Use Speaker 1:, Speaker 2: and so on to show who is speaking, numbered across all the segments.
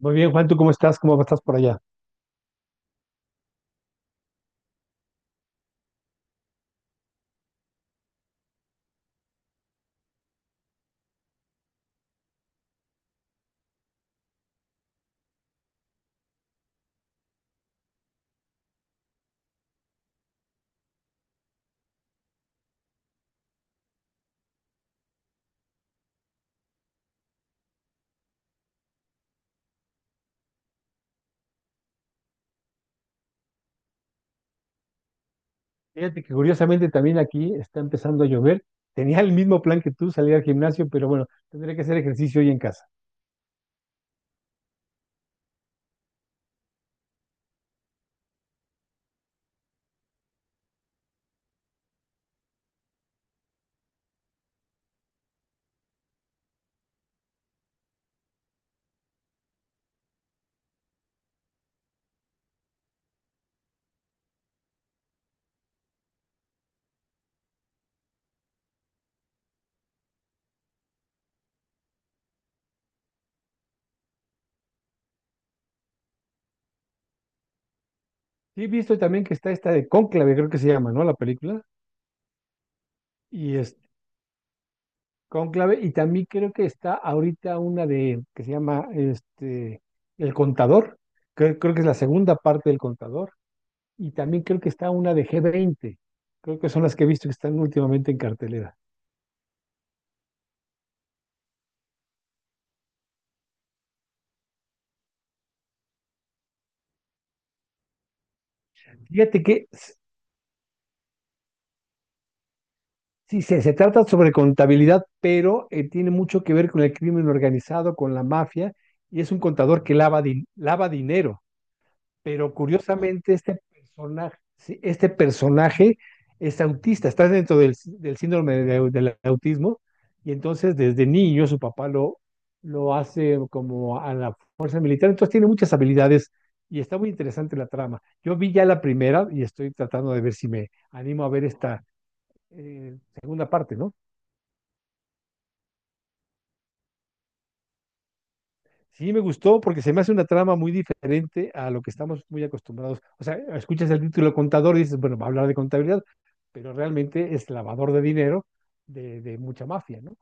Speaker 1: Muy bien, Juan, ¿tú cómo estás? ¿Cómo estás por allá? Fíjate que curiosamente también aquí está empezando a llover. Tenía el mismo plan que tú, salir al gimnasio, pero bueno, tendré que hacer ejercicio hoy en casa. Sí, he visto también que está esta de Cónclave, creo que se llama, ¿no? La película. Y es Cónclave, y también creo que está ahorita una de, que se llama, El Contador. Creo que es la segunda parte del Contador. Y también creo que está una de G20. Creo que son las que he visto que están últimamente en cartelera. Fíjate que sí, se trata sobre contabilidad, pero tiene mucho que ver con el crimen organizado, con la mafia, y es un contador que lava, lava dinero. Pero curiosamente, este personaje, sí, este personaje es autista, está dentro del síndrome del autismo, y entonces desde niño su papá lo hace como a la fuerza militar, entonces tiene muchas habilidades y está muy interesante la trama. Yo vi ya la primera y estoy tratando de ver si me animo a ver esta segunda parte, ¿no? Sí, me gustó porque se me hace una trama muy diferente a lo que estamos muy acostumbrados. O sea, escuchas el título contador y dices, bueno, va a hablar de contabilidad, pero realmente es lavador de dinero de mucha mafia, ¿no?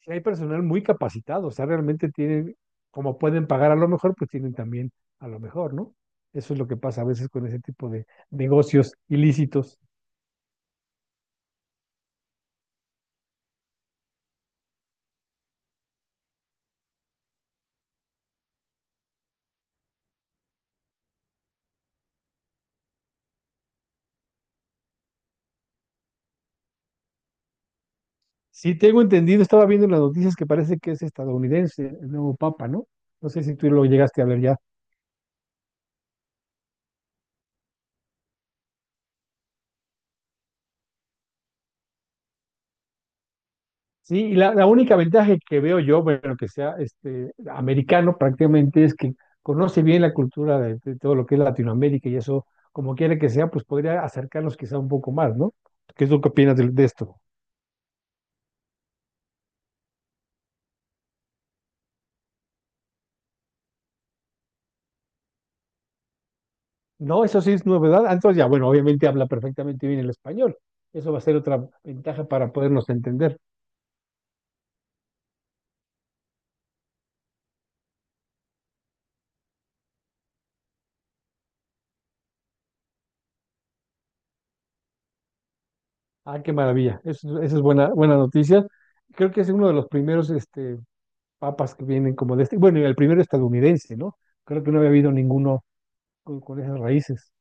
Speaker 1: Sí, hay personal muy capacitado, o sea, realmente tienen, como pueden pagar a lo mejor, pues tienen también a lo mejor, ¿no? Eso es lo que pasa a veces con ese tipo de negocios ilícitos. Sí, tengo entendido, estaba viendo en las noticias que parece que es estadounidense el nuevo papa, ¿no? No sé si tú lo llegaste a ver ya. Sí, y la única ventaja que veo yo, bueno, que sea este, americano prácticamente, es que conoce bien la cultura de todo lo que es Latinoamérica y eso, como quiera que sea, pues podría acercarnos quizá un poco más, ¿no? ¿Qué es lo que opinas de esto? No, eso sí es novedad. Ah, entonces ya, bueno, obviamente habla perfectamente bien el español. Eso va a ser otra ventaja para podernos entender. Ah, qué maravilla. Eso es buena, buena noticia. Creo que es uno de los primeros papas que vienen como de este. Bueno, y el primero estadounidense, ¿no? Creo que no había habido ninguno con esas raíces.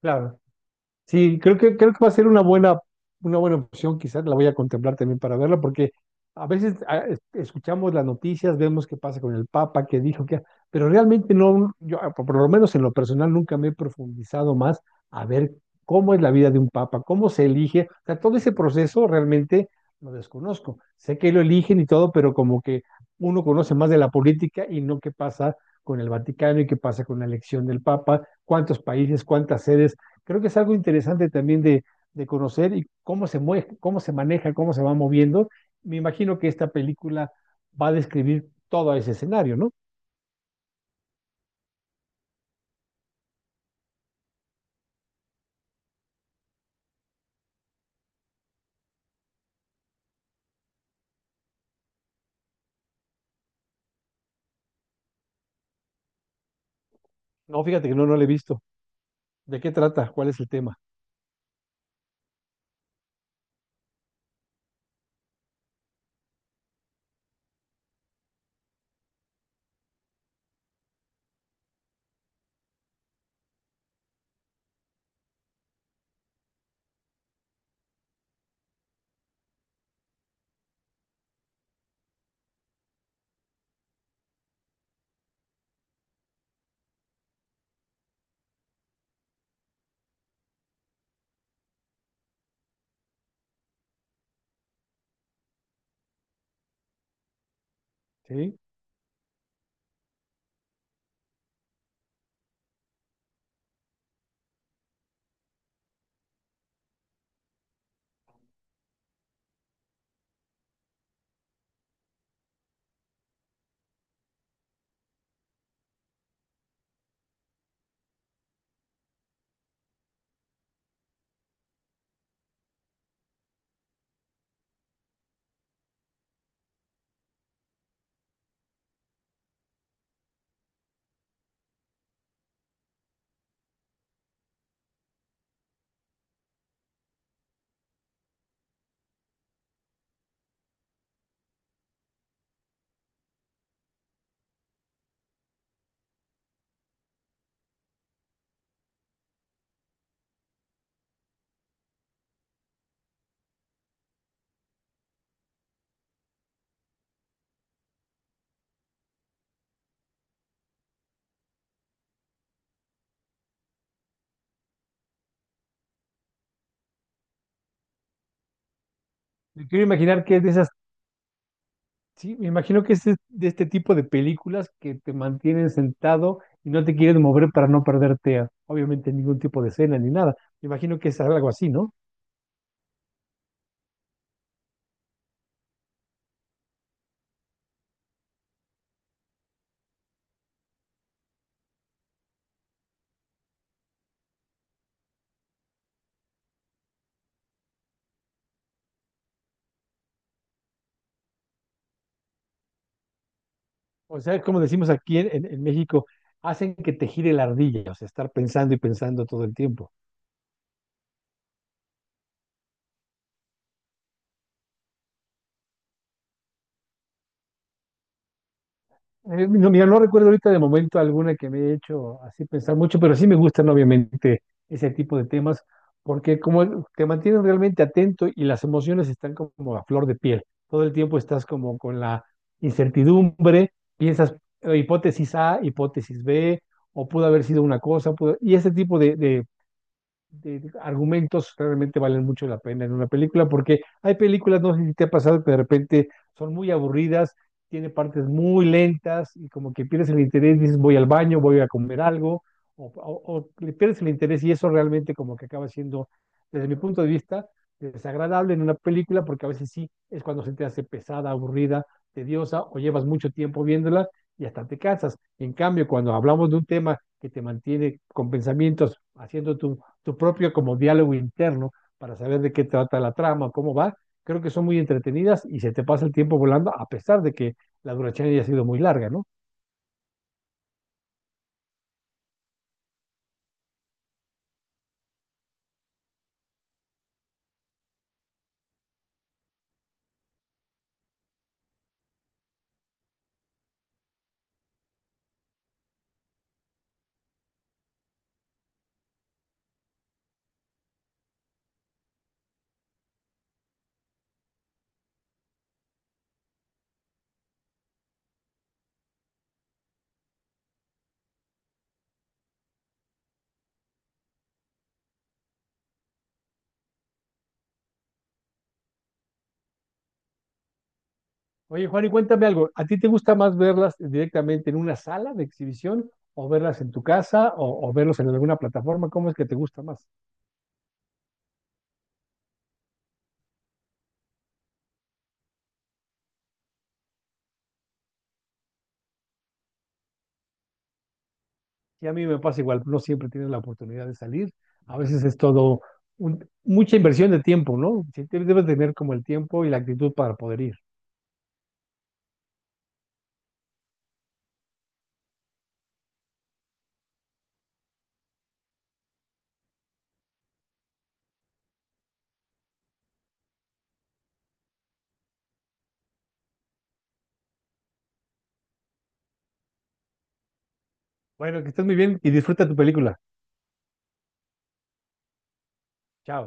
Speaker 1: Claro. Sí, creo que va a ser una buena opción, quizás la voy a contemplar también para verla, porque a veces escuchamos las noticias, vemos qué pasa con el Papa, qué dijo, qué, pero realmente no, yo por lo menos en lo personal nunca me he profundizado más a ver cómo es la vida de un Papa, cómo se elige, o sea, todo ese proceso realmente lo desconozco. Sé que lo eligen y todo, pero como que uno conoce más de la política y no qué pasa con el Vaticano y qué pasa con la elección del Papa, cuántos países, cuántas sedes. Creo que es algo interesante también de conocer y cómo se mueve, cómo se maneja, cómo se va moviendo. Me imagino que esta película va a describir todo ese escenario, ¿no? No, fíjate que no, no la he visto. ¿De qué trata? ¿Cuál es el tema? Sí. Me quiero imaginar que es de esas, sí, me imagino que es de este tipo de películas que te mantienen sentado y no te quieren mover para no perderte, obviamente, ningún tipo de escena ni nada. Me imagino que es algo así, ¿no? O sea, como decimos aquí en, en México, hacen que te gire la ardilla, o sea, estar pensando y pensando todo el tiempo. No, mira, no recuerdo ahorita de momento alguna que me haya hecho así pensar mucho, pero sí me gustan obviamente ese tipo de temas, porque como te mantienen realmente atento y las emociones están como a flor de piel. Todo el tiempo estás como con la incertidumbre, piensas hipótesis A, hipótesis B, o pudo haber sido una cosa, y ese tipo de argumentos realmente valen mucho la pena en una película, porque hay películas, no sé si te ha pasado, que de repente son muy aburridas, tiene partes muy lentas y como que pierdes el interés, dices voy al baño, voy a comer algo, o, o le pierdes el interés y eso realmente como que acaba siendo, desde mi punto de vista, desagradable en una película, porque a veces sí es cuando se te hace pesada, aburrida, tediosa, o llevas mucho tiempo viéndola y hasta te cansas. En cambio, cuando hablamos de un tema que te mantiene con pensamientos, haciendo tu propio como diálogo interno para saber de qué trata la trama, cómo va. Creo que son muy entretenidas y se te pasa el tiempo volando a pesar de que la duración haya sido muy larga, ¿no? Oye, Juan, y cuéntame algo, ¿a ti te gusta más verlas directamente en una sala de exhibición o verlas en tu casa o verlos en alguna plataforma? ¿Cómo es que te gusta más? Y a mí me pasa igual, no siempre tienes la oportunidad de salir, a veces es todo mucha inversión de tiempo, ¿no? Sí, debes tener como el tiempo y la actitud para poder ir. Bueno, que estés muy bien y disfruta tu película. Chao.